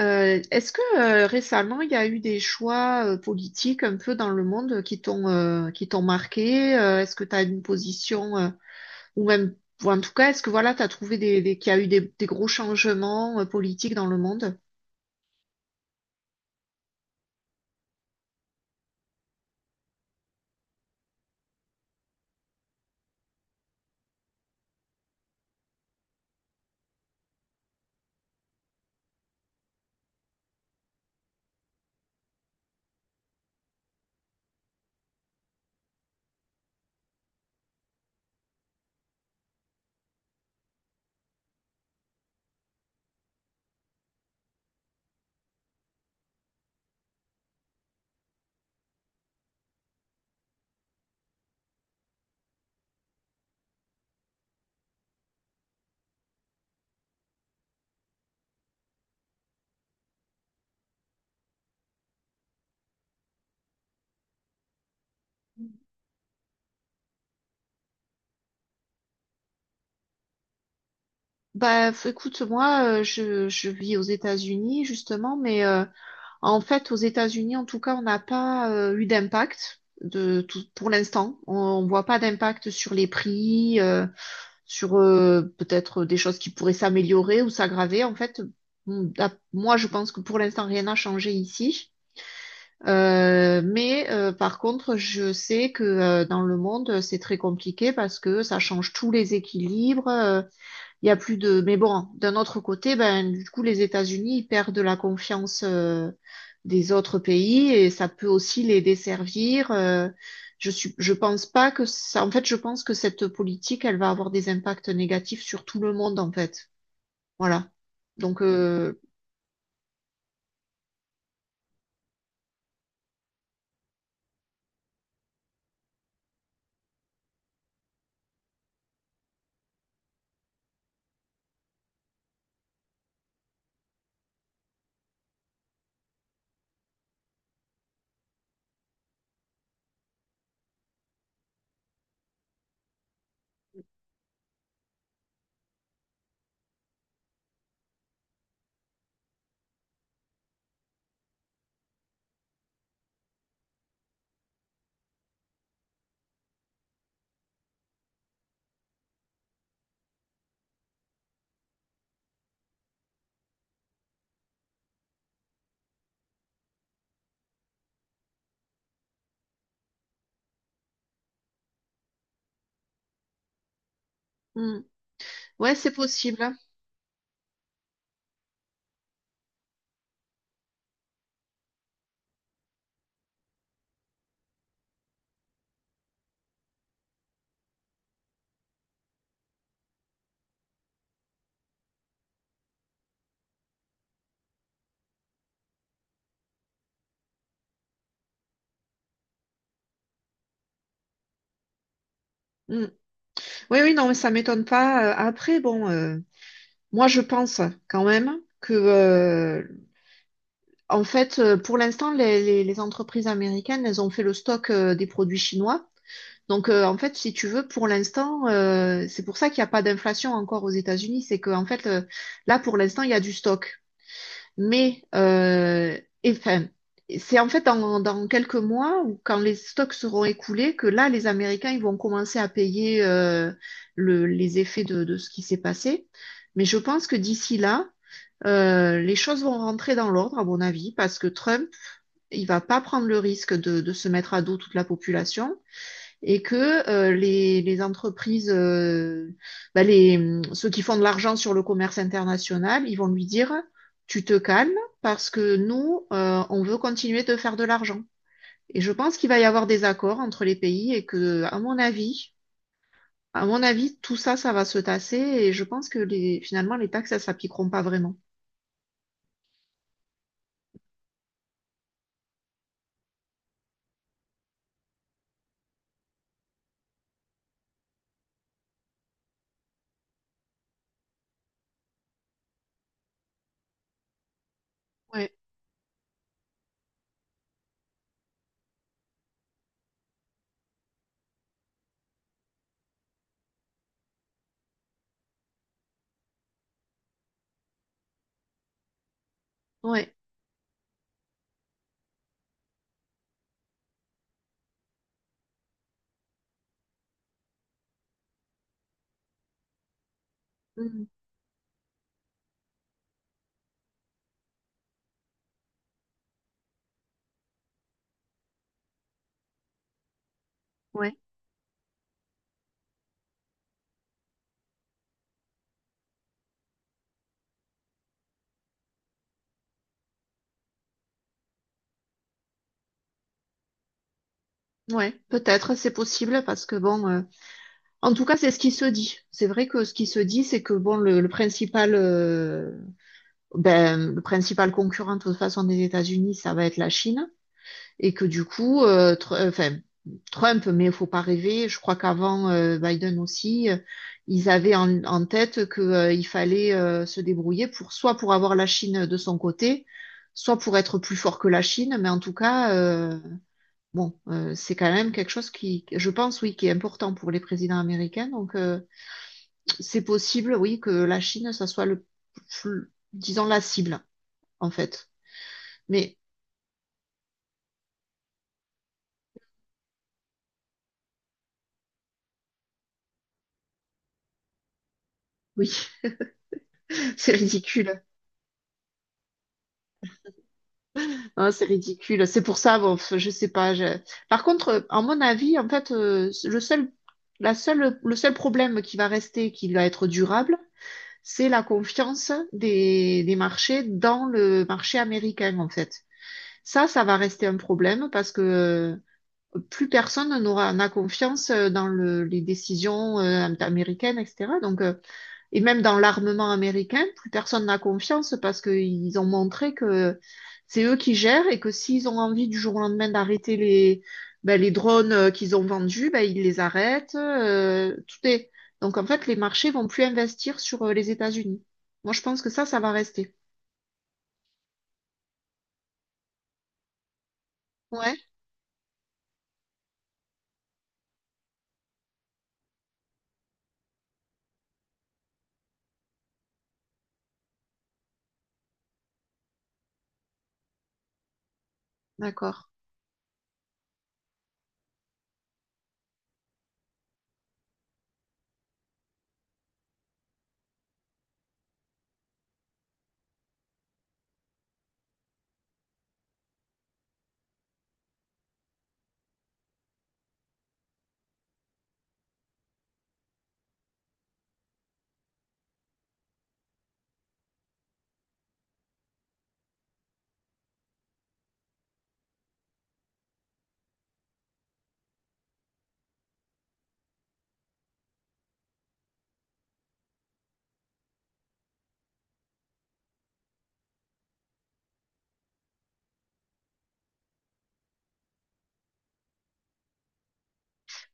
Est-ce que récemment il y a eu des choix politiques un peu dans le monde qui t'ont marqué? Est-ce que tu as une position ou même ou en tout cas est-ce que voilà tu as trouvé des qu'il y a eu des gros changements politiques dans le monde? Écoute moi , je vis aux États-Unis justement mais en fait aux États-Unis en tout cas on n'a pas eu d'impact de tout pour l'instant, on voit pas d'impact sur les prix. Sur Peut-être des choses qui pourraient s'améliorer ou s'aggraver. En fait, moi, je pense que pour l'instant, rien n'a changé ici. Mais par contre, je sais que dans le monde, c'est très compliqué parce que ça change tous les équilibres. Il y a plus de. Mais bon, d'un autre côté, ben, du coup, les États-Unis ils perdent la confiance des autres pays et ça peut aussi les desservir. Je pense pas que ça. En fait, je pense que cette politique, elle va avoir des impacts négatifs sur tout le monde, en fait. Voilà. Donc, euh, hmm. Ouais, c'est possible, hein. Hmm. Oui, oui, non, mais ça m'étonne pas. Après, bon, moi, je pense quand même que pour l'instant, les entreprises américaines, elles ont fait le stock des produits chinois. Donc, en fait, si tu veux, pour l'instant, c'est pour ça qu'il n'y a pas d'inflation encore aux États-Unis. C'est que, en fait, là, pour l'instant, il y a du stock. Mais, c'est en fait dans quelques mois, ou quand les stocks seront écoulés, que là, les Américains, ils vont commencer à payer les effets de ce qui s'est passé. Mais je pense que d'ici là, les choses vont rentrer dans l'ordre, à mon avis, parce que Trump, il ne va pas prendre le risque de se mettre à dos toute la population et que les entreprises, ceux qui font de l'argent sur le commerce international, ils vont lui dire, tu te calmes parce que nous, on veut continuer de faire de l'argent. Et je pense qu'il va y avoir des accords entre les pays et que, à mon avis, tout ça, ça va se tasser et je pense que les, finalement, les taxes, ça s'appliqueront pas vraiment. Ouais, ouais. Mm. Ouais, ouais. Peut-être, c'est possible parce que bon. En tout cas, c'est ce qui se dit. C'est vrai que ce qui se dit, c'est que bon, le principal, le principal concurrent de toute façon des États-Unis, ça va être la Chine, et que du coup, Trump, mais il faut pas rêver. Je crois qu'avant Biden aussi, ils avaient en tête que il fallait se débrouiller pour soit pour avoir la Chine de son côté, soit pour être plus fort que la Chine. Mais en tout cas, c'est quand même quelque chose qui, je pense, oui, qui est important pour les présidents américains. Donc, c'est possible, oui, que la Chine, ça soit disons la cible, en fait. Mais oui, c'est ridicule. Hein, c'est ridicule. C'est pour ça, bon, je sais pas. Je- par contre, à mon avis, en fait, la seule, le seul problème qui va rester, qui va être durable, c'est la confiance des marchés dans le marché américain, en fait. Ça va rester un problème parce que plus personne n'a confiance dans le, les décisions américaines, etc. Donc, et même dans l'armement américain, plus personne n'a confiance parce qu'ils ont montré que c'est eux qui gèrent et que s'ils ont envie du jour au lendemain d'arrêter les, ben, les drones qu'ils ont vendus, ben, ils les arrêtent. Tout est... Donc, en fait, les marchés vont plus investir sur les États-Unis. Moi, je pense que ça va rester. Ouais, d'accord.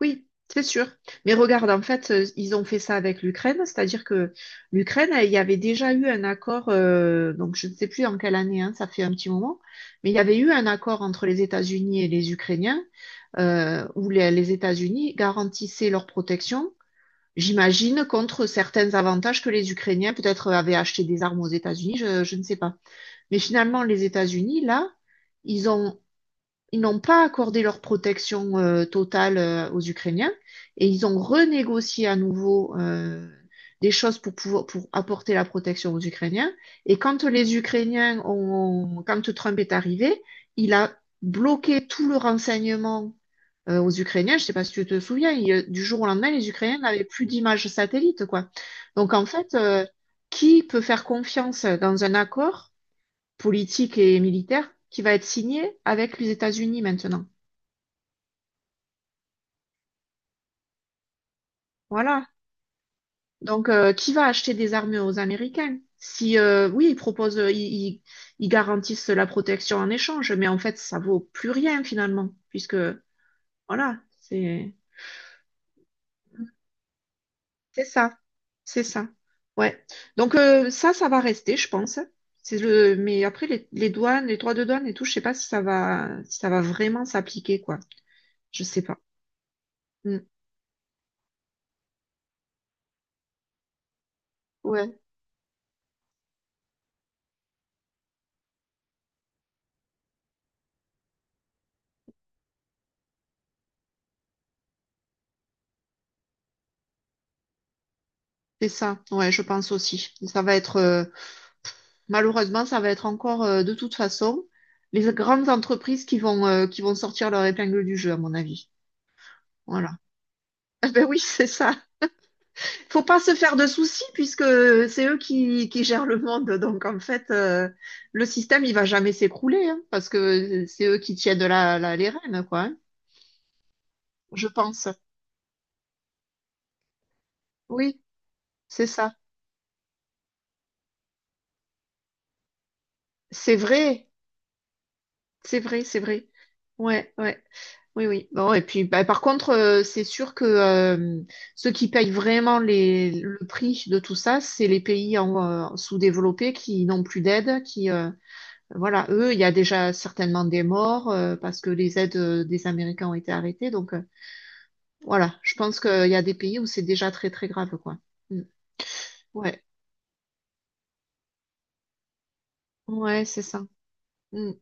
Oui, c'est sûr. Mais regarde, en fait, ils ont fait ça avec l'Ukraine, c'est-à-dire que l'Ukraine, il y avait déjà eu un accord, donc je ne sais plus en quelle année, hein, ça fait un petit moment, mais il y avait eu un accord entre les États-Unis et les Ukrainiens, où les États-Unis garantissaient leur protection, j'imagine, contre certains avantages que les Ukrainiens peut-être avaient acheté des armes aux États-Unis, je ne sais pas. Mais finalement, les États-Unis, là, ils ont ils n'ont pas accordé leur protection totale aux Ukrainiens et ils ont renégocié à nouveau des choses pour pouvoir pour apporter la protection aux Ukrainiens. Et quand les quand Trump est arrivé, il a bloqué tout le renseignement aux Ukrainiens. Je sais pas si tu te souviens, il- du jour au lendemain, les Ukrainiens n'avaient plus d'images satellites, quoi. Donc en fait, euh, qui peut faire confiance dans un accord politique et militaire qui va être signé avec les États-Unis maintenant? Voilà. Donc, qui va acheter des armes aux Américains? Si, oui, ils proposent, ils- ils garantissent la protection en échange, mais en fait, ça vaut plus rien finalement, puisque, voilà, c'est ça. C'est ça. Ouais. Donc, ça, ça va rester, je pense. C'est le, mais après, les douanes, les droits de douane et tout, je sais pas si ça va, si ça va vraiment s'appliquer, quoi. Je sais pas. Mm. Ouais. C'est ça. Ouais, je pense aussi. Malheureusement, ça va être encore de toute façon les grandes entreprises qui vont sortir leur épingle du jeu, à mon avis. Voilà. Eh ben oui, c'est ça. Faut pas se faire de soucis puisque c'est eux qui gèrent le monde. Le système, il va jamais s'écrouler hein, parce que c'est eux qui tiennent la, les rênes, quoi. Hein, je pense. Oui, c'est ça. C'est vrai. C'est vrai, c'est vrai. Ouais, ouais. Oui, oui. Bon, et puis, bah, par contre, c'est sûr que ceux qui payent vraiment les, le prix de tout ça, c'est les pays en, sous-développés qui n'ont plus d'aide, qui, voilà, eux, il y a déjà certainement des morts parce que les aides des Américains ont été arrêtées. Donc, voilà, je pense qu'il y a des pays où c'est déjà très, très grave, quoi. Mm. Ouais, ouais, c'est ça. Mm.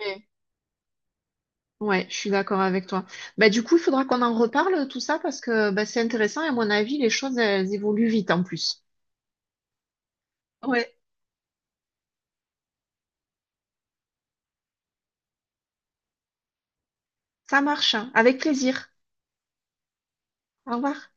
Mais, ouais, je suis d'accord avec toi. Bah, du coup, il faudra qu'on en reparle, tout ça, parce que bah, c'est intéressant et à mon avis, les choses, elles évoluent vite en plus. Ouais. Ça marche, hein. Avec plaisir. Au revoir.